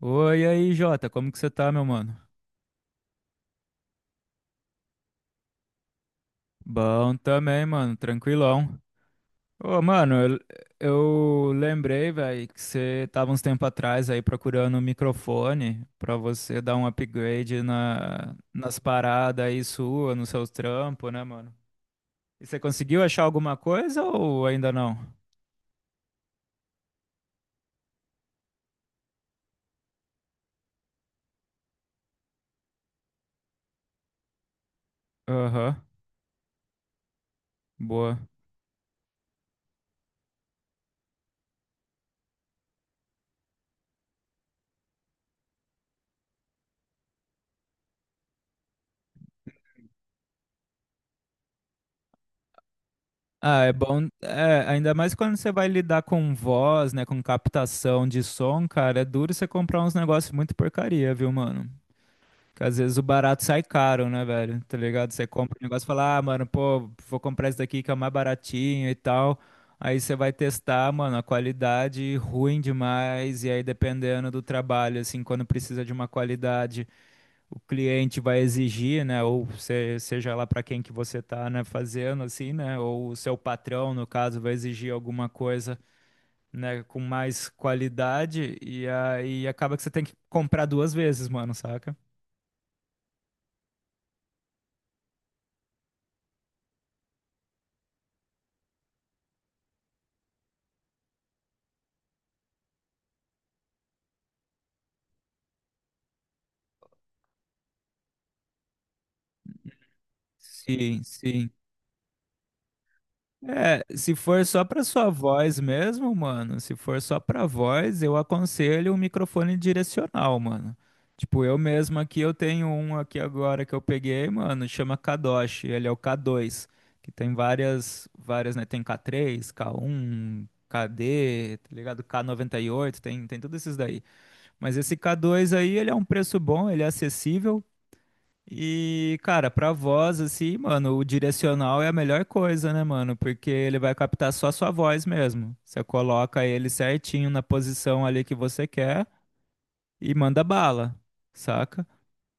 Oi, e aí, Jota, como que você tá, meu mano? Bom também, mano, tranquilão. Ô, mano, eu lembrei, velho, que você tava uns tempo atrás aí procurando um microfone pra você dar um upgrade nas paradas aí sua, nos seus trampos, né, mano? E você conseguiu achar alguma coisa ou ainda não? Aham, boa. Ah, é bom, é, ainda mais quando você vai lidar com voz, né, com captação de som, cara, é duro você comprar uns negócios muito porcaria, viu, mano? Porque às vezes o barato sai caro, né, velho? Tá ligado? Você compra um negócio e fala, ah, mano, pô, vou comprar esse daqui que é o mais baratinho e tal. Aí você vai testar, mano, a qualidade ruim demais, e aí dependendo do trabalho, assim, quando precisa de uma qualidade o cliente vai exigir, né, ou seja lá para quem que você está, né, fazendo assim, né, ou o seu patrão, no caso, vai exigir alguma coisa, né, com mais qualidade e aí acaba que você tem que comprar duas vezes, mano, saca? Sim, sim. É, se for só pra sua voz mesmo, mano, se for só pra voz, eu aconselho um microfone direcional, mano. Tipo, eu mesmo aqui, eu tenho um aqui agora que eu peguei, mano, chama Kadosh, ele é o K2. Que tem várias, várias, né, tem K3, K1, KD, tá ligado? K98. Tem tudo esses daí. Mas esse K2 aí, ele é um preço bom, ele é acessível, e, cara, pra voz, assim, mano, o direcional é a melhor coisa, né, mano? Porque ele vai captar só a sua voz mesmo. Você coloca ele certinho na posição ali que você quer e manda bala, saca?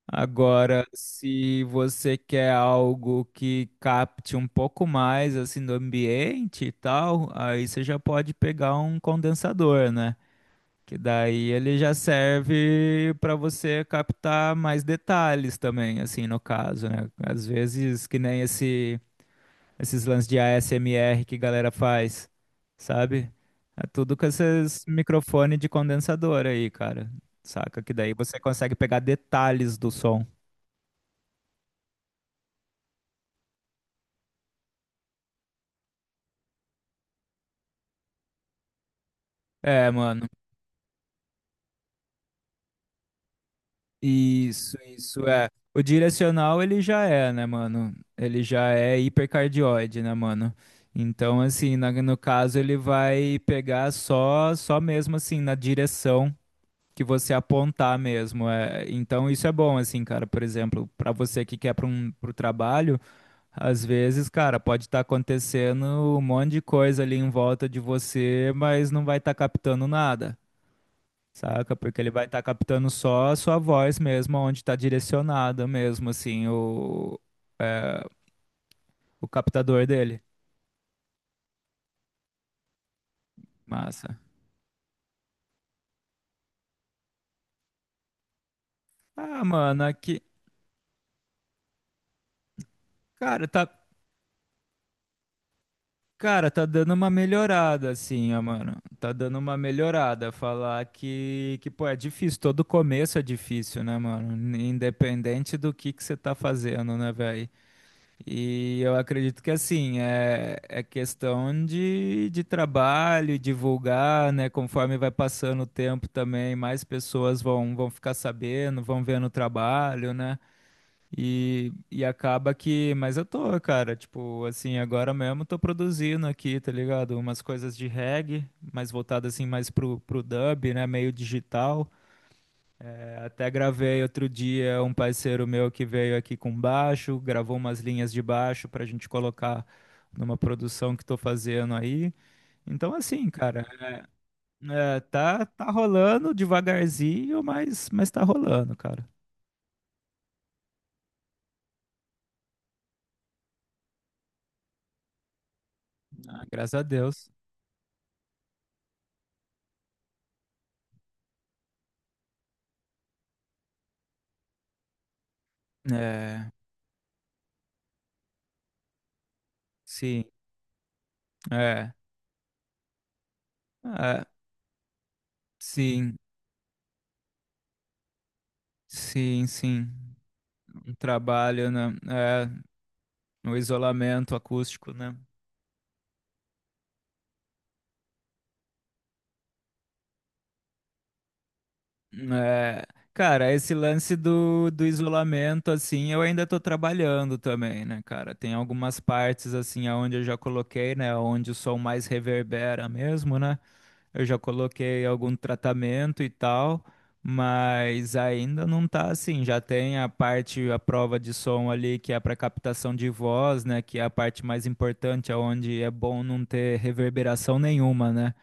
Agora, se você quer algo que capte um pouco mais, assim, do ambiente e tal, aí você já pode pegar um condensador, né? Que daí ele já serve para você captar mais detalhes também, assim, no caso, né? Às vezes, que nem esses lances de ASMR que a galera faz, sabe? É tudo com esses microfone de condensador aí, cara. Saca? Que daí você consegue pegar detalhes do som. É, mano. Isso é. O direcional ele já é, né, mano? Ele já é hipercardioide, né, mano? Então, assim, no caso ele vai pegar só mesmo assim na direção que você apontar mesmo. É. Então isso é bom, assim, cara. Por exemplo, pra você que quer para um pro trabalho, às vezes, cara, pode estar acontecendo um monte de coisa ali em volta de você, mas não vai estar captando nada. Saca? Porque ele vai estar captando só a sua voz mesmo, onde está direcionada mesmo, assim, é, o captador dele. Massa. Ah, mano, aqui. Cara, tá. Cara, tá dando uma melhorada, assim, ó, mano. Tá dando uma melhorada. Falar que, pô, é difícil. Todo começo é difícil, né, mano? Independente do que você tá fazendo, né, velho? E eu acredito que assim, é questão de trabalho, divulgar, né? Conforme vai passando o tempo também, mais pessoas vão ficar sabendo, vão vendo o trabalho, né? E acaba que. Mas eu tô, cara, tipo, assim, agora mesmo tô produzindo aqui, tá ligado? Umas coisas de reggae, mais voltado assim, mais pro dub, né? Meio digital. É, até gravei outro dia um parceiro meu que veio aqui com baixo, gravou umas linhas de baixo para a gente colocar numa produção que estou fazendo aí. Então, assim, cara, tá rolando devagarzinho, mas tá rolando, cara. Ah, graças a Deus. É, sim, é, é, sim, sim, sim. Um trabalho, né? É, no isolamento acústico, né? É, cara, esse lance do isolamento, assim, eu ainda tô trabalhando também, né, cara? Tem algumas partes, assim, aonde eu já coloquei, né, onde o som mais reverbera mesmo, né? Eu já coloquei algum tratamento e tal, mas ainda não tá assim. Já tem a parte, a prova de som ali, que é para captação de voz, né, que é a parte mais importante, aonde é bom não ter reverberação nenhuma, né?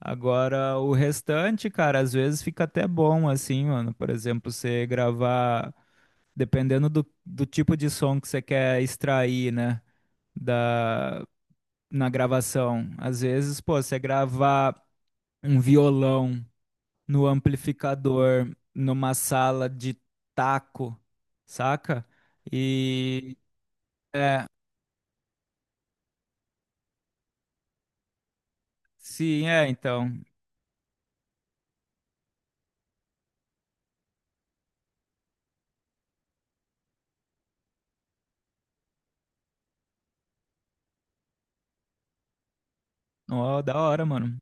Agora, o restante, cara, às vezes fica até bom, assim, mano. Por exemplo, você gravar, dependendo do tipo de som que você quer extrair, né, da, na gravação. Às vezes, pô, você gravar um violão no amplificador, numa sala de taco, saca? E, é, sim, é, então. Ó, da hora, mano.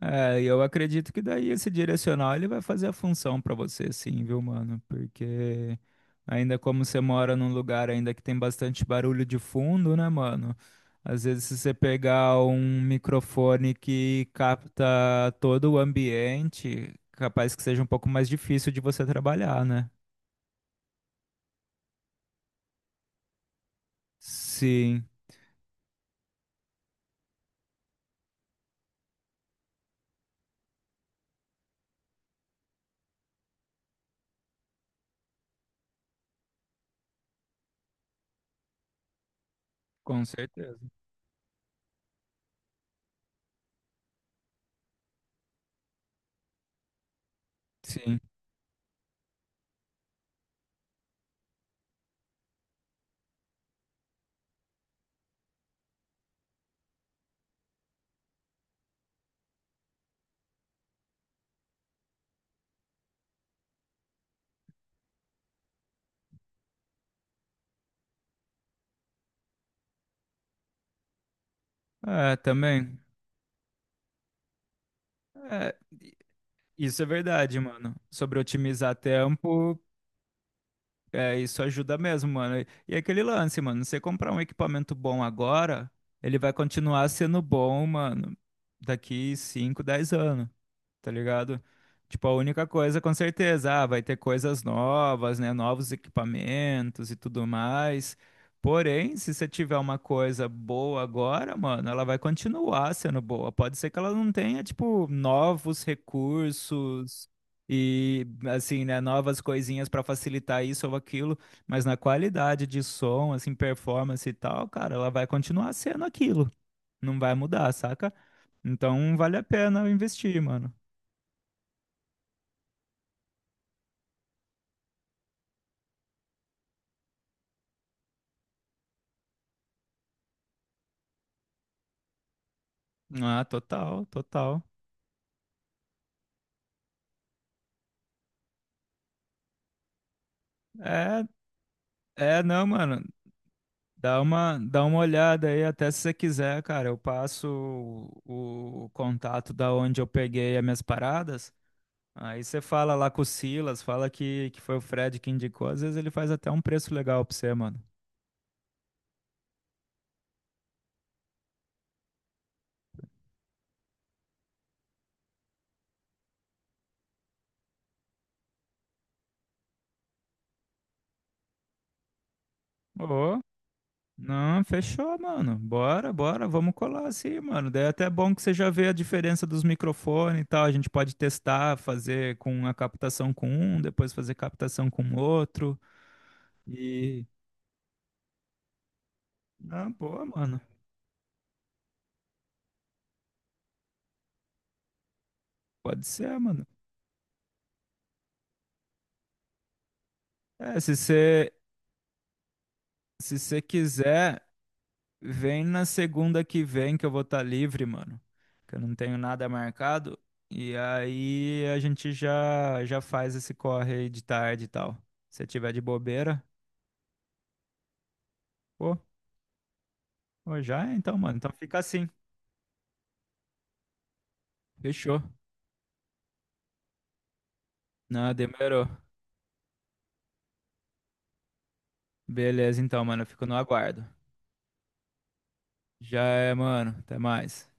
É, e eu acredito que daí esse direcional ele vai fazer a função pra você, sim, viu, mano? Porque ainda como você mora num lugar ainda que tem bastante barulho de fundo, né, mano? Às vezes se você pegar um microfone que capta todo o ambiente, capaz que seja um pouco mais difícil de você trabalhar, né? Sim, com certeza. Sim. É, também. É, i- isso é verdade, mano. Sobre otimizar tempo, é, isso ajuda mesmo, mano. E aquele lance, mano, você comprar um equipamento bom agora, ele vai continuar sendo bom, mano, daqui 5, 10 anos tá ligado? Tipo, a única coisa, com certeza, ah, vai ter coisas novas, né? Novos equipamentos e tudo mais. Porém, se você tiver uma coisa boa agora, mano, ela vai continuar sendo boa. Pode ser que ela não tenha, tipo, novos recursos e, assim, né, novas coisinhas pra facilitar isso ou aquilo, mas na qualidade de som, assim, performance e tal, cara, ela vai continuar sendo aquilo. Não vai mudar, saca? Então vale a pena investir, mano. Ah, total, total. É, é, não, mano. Dá uma olhada aí, até se você quiser, cara. Eu passo o contato da onde eu peguei as minhas paradas. Aí você fala lá com o Silas, fala que foi o Fred que indicou. Às vezes ele faz até um preço legal pra você, mano. Ô, não, fechou, mano. Bora, bora, vamos colar assim, mano. Daí é até bom que você já vê a diferença dos microfones e tal. A gente pode testar, fazer com a captação com um, depois fazer captação com outro. E. Ah, boa, mano. Pode ser, mano. É, se você quiser, vem na segunda que vem que eu vou estar livre, mano. Que eu não tenho nada marcado. E aí a gente já já faz esse corre aí de tarde e tal. Se tiver de bobeira, pô, pô, já é então, mano. Então fica assim. Fechou. Não, demorou. Beleza, então, mano. Eu fico no aguardo. Já é, mano. Até mais.